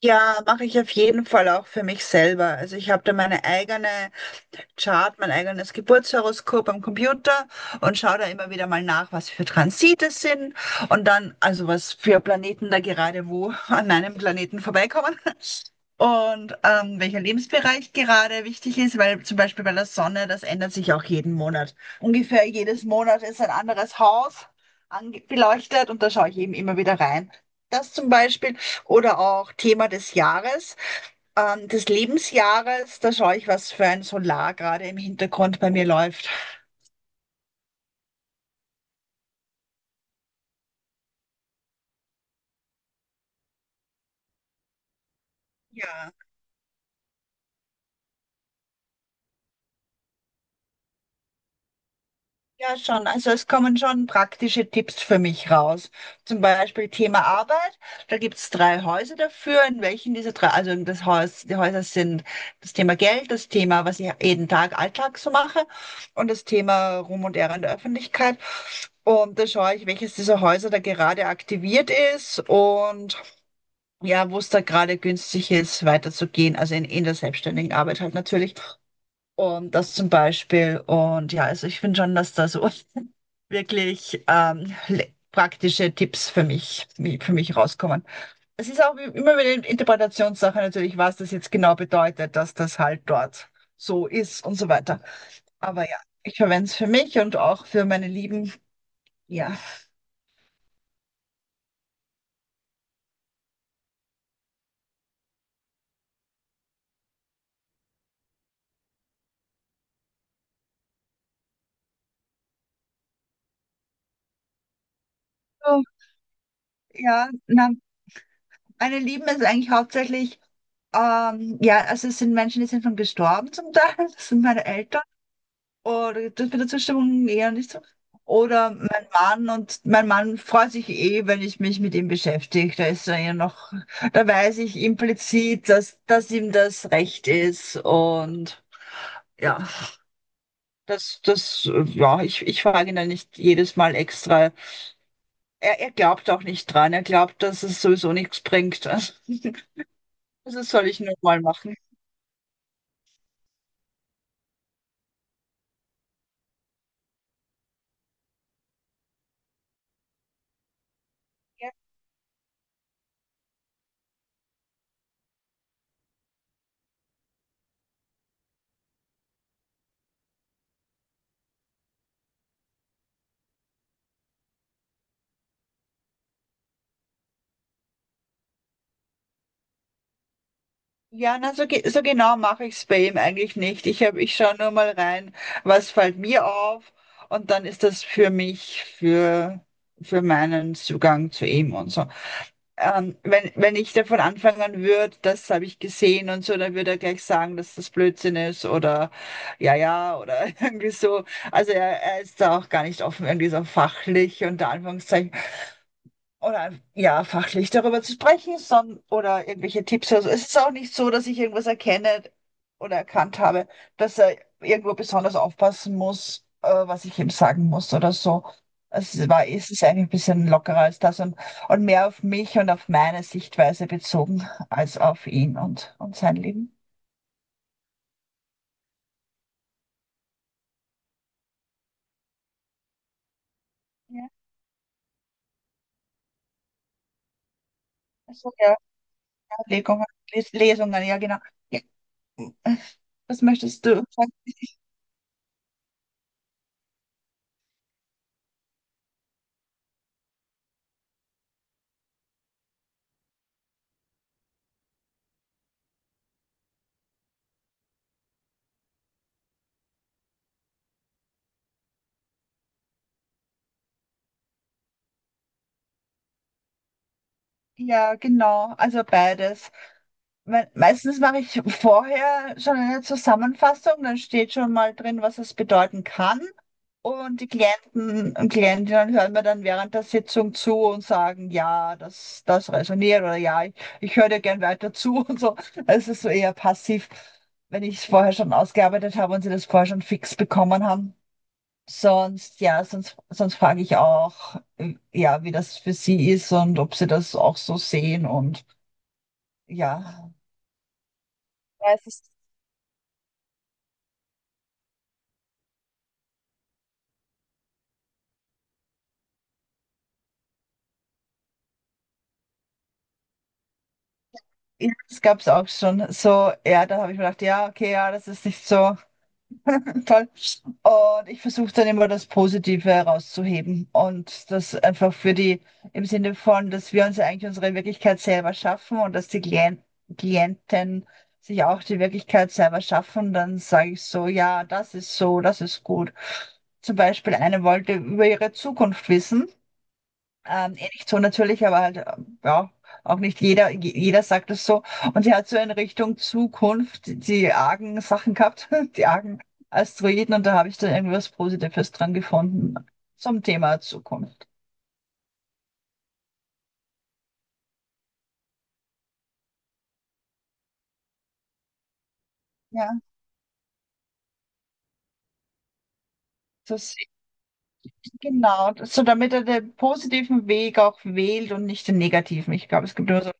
Ja, mache ich auf jeden Fall auch für mich selber. Also ich habe da meine eigene Chart, mein eigenes Geburtshoroskop am Computer und schaue da immer wieder mal nach, was für Transite sind und dann, also was für Planeten da gerade wo an meinem Planeten vorbeikommen. Und welcher Lebensbereich gerade wichtig ist, weil zum Beispiel bei der Sonne, das ändert sich auch jeden Monat. Ungefähr jedes Monat ist ein anderes Haus beleuchtet und da schaue ich eben immer wieder rein. Das zum Beispiel. Oder auch Thema des Jahres, des Lebensjahres, da schaue ich, was für ein Solar gerade im Hintergrund bei mir läuft. Ja. Ja, schon. Also es kommen schon praktische Tipps für mich raus. Zum Beispiel Thema Arbeit. Da gibt es drei Häuser dafür, in welchen diese drei, also das Haus, die Häuser sind das Thema Geld, das Thema, was ich jeden Tag Alltag so mache, und das Thema Ruhm und Ehre in der Öffentlichkeit. Und da schaue ich, welches dieser Häuser da gerade aktiviert ist und ja, wo es da gerade günstig ist, weiterzugehen. Also in der selbstständigen Arbeit halt natürlich. Und das zum Beispiel. Und ja, also ich finde schon, dass da so wirklich praktische Tipps für mich rauskommen. Es ist auch immer wieder eine Interpretationssache natürlich, was das jetzt genau bedeutet, dass das halt dort so ist und so weiter. Aber ja, ich verwende es für mich und auch für meine Lieben. Ja. So, ja, na, meine Lieben ist eigentlich hauptsächlich, ja, also es sind Menschen, die sind schon gestorben zum Teil. Das sind meine Eltern. Oder das mit der Zustimmung eher nicht so. Oder mein Mann, und mein Mann freut sich eh, wenn ich mich mit ihm beschäftige. Da ist er ja noch, da weiß ich implizit, dass ihm das recht ist. Und ja, ja, ich frage ihn dann nicht jedes Mal extra. Er glaubt auch nicht dran. Er glaubt, dass es sowieso nichts bringt. Also, das soll ich nur mal machen. Ja, na, so, so genau mache ich es bei ihm eigentlich nicht. Ich hab, ich schaue nur mal rein, was fällt mir auf, und dann ist das für mich, für meinen Zugang zu ihm und so. Wenn wenn, ich davon anfangen würde, das habe ich gesehen und so, dann würde er gleich sagen, dass das Blödsinn ist, oder ja, ja, oder irgendwie so. Also er ist da auch gar nicht offen, irgendwie so fachlich unter Anführungszeichen oder ja, fachlich darüber zu sprechen, sondern oder irgendwelche Tipps. Also es ist auch nicht so, dass ich irgendwas erkenne oder erkannt habe, dass er irgendwo besonders aufpassen muss, was ich ihm sagen muss oder so. Es ist eigentlich ein bisschen lockerer als das, und mehr auf mich und auf meine Sichtweise bezogen als auf ihn und sein Leben. Ja, also ja, Legungen, Lesungen, ja genau. Ja. Was möchtest du sagen? Ja, genau, also beides. Me Meistens mache ich vorher schon eine Zusammenfassung, dann steht schon mal drin, was es bedeuten kann. Und die Klienten und Klientinnen hören mir dann während der Sitzung zu und sagen, ja, das resoniert, oder ja, ich höre dir gern weiter zu und so. Es ist so eher passiv, wenn ich es vorher schon ausgearbeitet habe und sie das vorher schon fix bekommen haben. Sonst, ja, sonst frage ich auch, ja, wie das für sie ist und ob sie das auch so sehen und ja. Ja, es ist Ja, das gab es auch schon. So, ja, da habe ich mir gedacht, ja, okay, ja, das ist nicht so toll. Und ich versuche dann immer das Positive herauszuheben und das einfach für die, im Sinne von, dass wir uns ja eigentlich unsere Wirklichkeit selber schaffen und dass die Klienten sich auch die Wirklichkeit selber schaffen, dann sage ich so, ja, das ist so, das ist gut. Zum Beispiel, eine wollte über ihre Zukunft wissen. Eh nicht so natürlich, aber halt, ja, auch nicht jeder, jeder sagt es so. Und sie hat so in Richtung Zukunft die argen Sachen gehabt, die argen Asteroiden, und da habe ich dann irgendwas Positives dran gefunden zum Thema Zukunft. Ja, das, genau. So, damit er den positiven Weg auch wählt und nicht den negativen. Ich glaube, es gibt nur so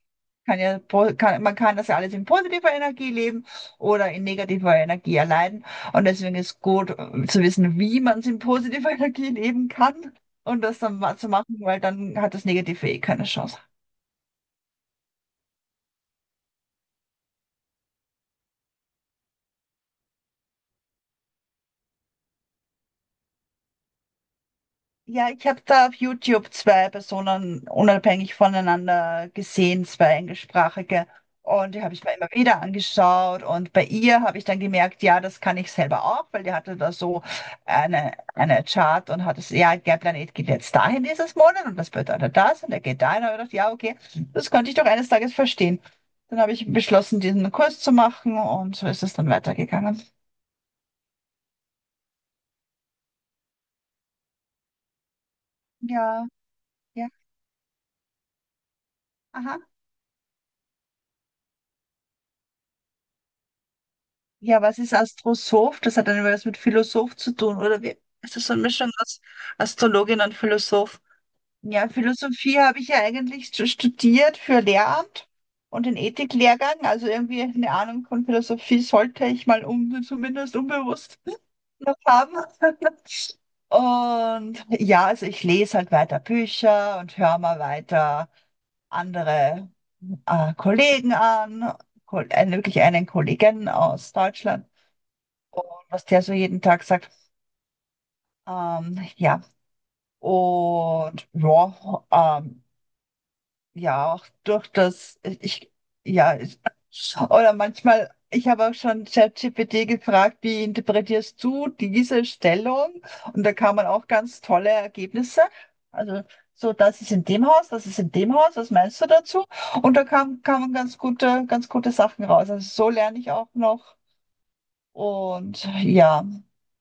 Kann, man kann das ja alles in positiver Energie leben oder in negativer Energie erleiden. Und deswegen ist gut, zu wissen, wie man es in positiver Energie leben kann und das dann zu machen, weil dann hat das Negative eh keine Chance. Ja, ich habe da auf YouTube zwei Personen unabhängig voneinander gesehen, zwei englischsprachige. Und die habe ich mir immer wieder angeschaut. Und bei ihr habe ich dann gemerkt, ja, das kann ich selber auch, weil die hatte da so eine Chart und hat es, ja, der Planet geht jetzt dahin dieses Monat und das bedeutet das und er geht dahin. Und ich dachte, ja, okay, das konnte ich doch eines Tages verstehen. Dann habe ich beschlossen, diesen Kurs zu machen, und so ist es dann weitergegangen. Ja, ja, aha. Ja, was ist Astrosoph? Das hat dann was mit Philosoph zu tun, oder wie? Ist das so eine Mischung aus Astrologin und Philosoph? Ja, Philosophie habe ich ja eigentlich studiert für Lehramt und den Ethiklehrgang. Also irgendwie eine Ahnung von Philosophie sollte ich mal um, zumindest unbewusst noch haben. Und ja, also ich lese halt weiter Bücher und höre mal weiter andere Kollegen an, wirklich einen Kollegen aus Deutschland, und was der so jeden Tag sagt. Ähm, ja, und ja, ähm, ja, auch durch das, ja, ich, oder manchmal, ich habe auch schon ChatGPT gefragt, wie interpretierst du diese Stellung? Und da kann man auch ganz tolle Ergebnisse. Also, so, das ist in dem Haus, das ist in dem Haus, was meinst du dazu? Und kamen ganz gute Sachen raus. Also, so lerne ich auch noch. Und ja,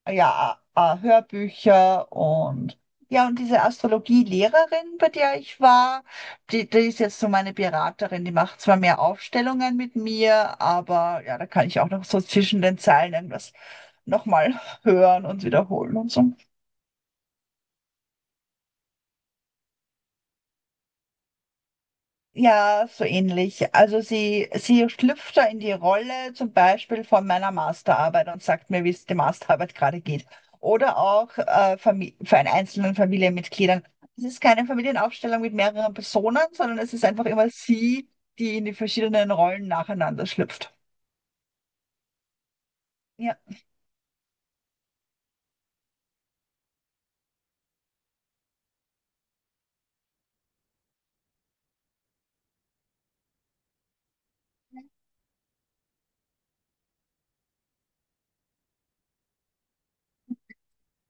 ja, Hörbücher und ja, und diese Astrologielehrerin, bei der ich war, die ist jetzt so meine Beraterin, die macht zwar mehr Aufstellungen mit mir, aber ja, da kann ich auch noch so zwischen den Zeilen irgendwas nochmal hören und wiederholen und so. Ja, so ähnlich. Also sie schlüpft da in die Rolle zum Beispiel von meiner Masterarbeit und sagt mir, wie es der Masterarbeit gerade geht. Oder auch für einen einzelnen Familienmitgliedern. Es ist keine Familienaufstellung mit mehreren Personen, sondern es ist einfach immer sie, die in die verschiedenen Rollen nacheinander schlüpft. Ja,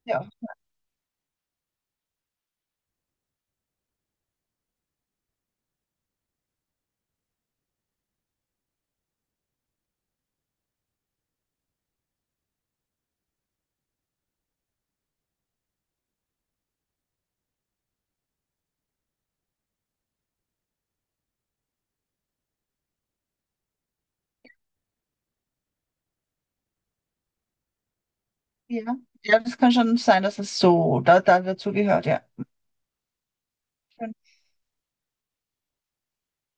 ja, ja. Ja, das kann schon sein, dass es so da dazu gehört, ja.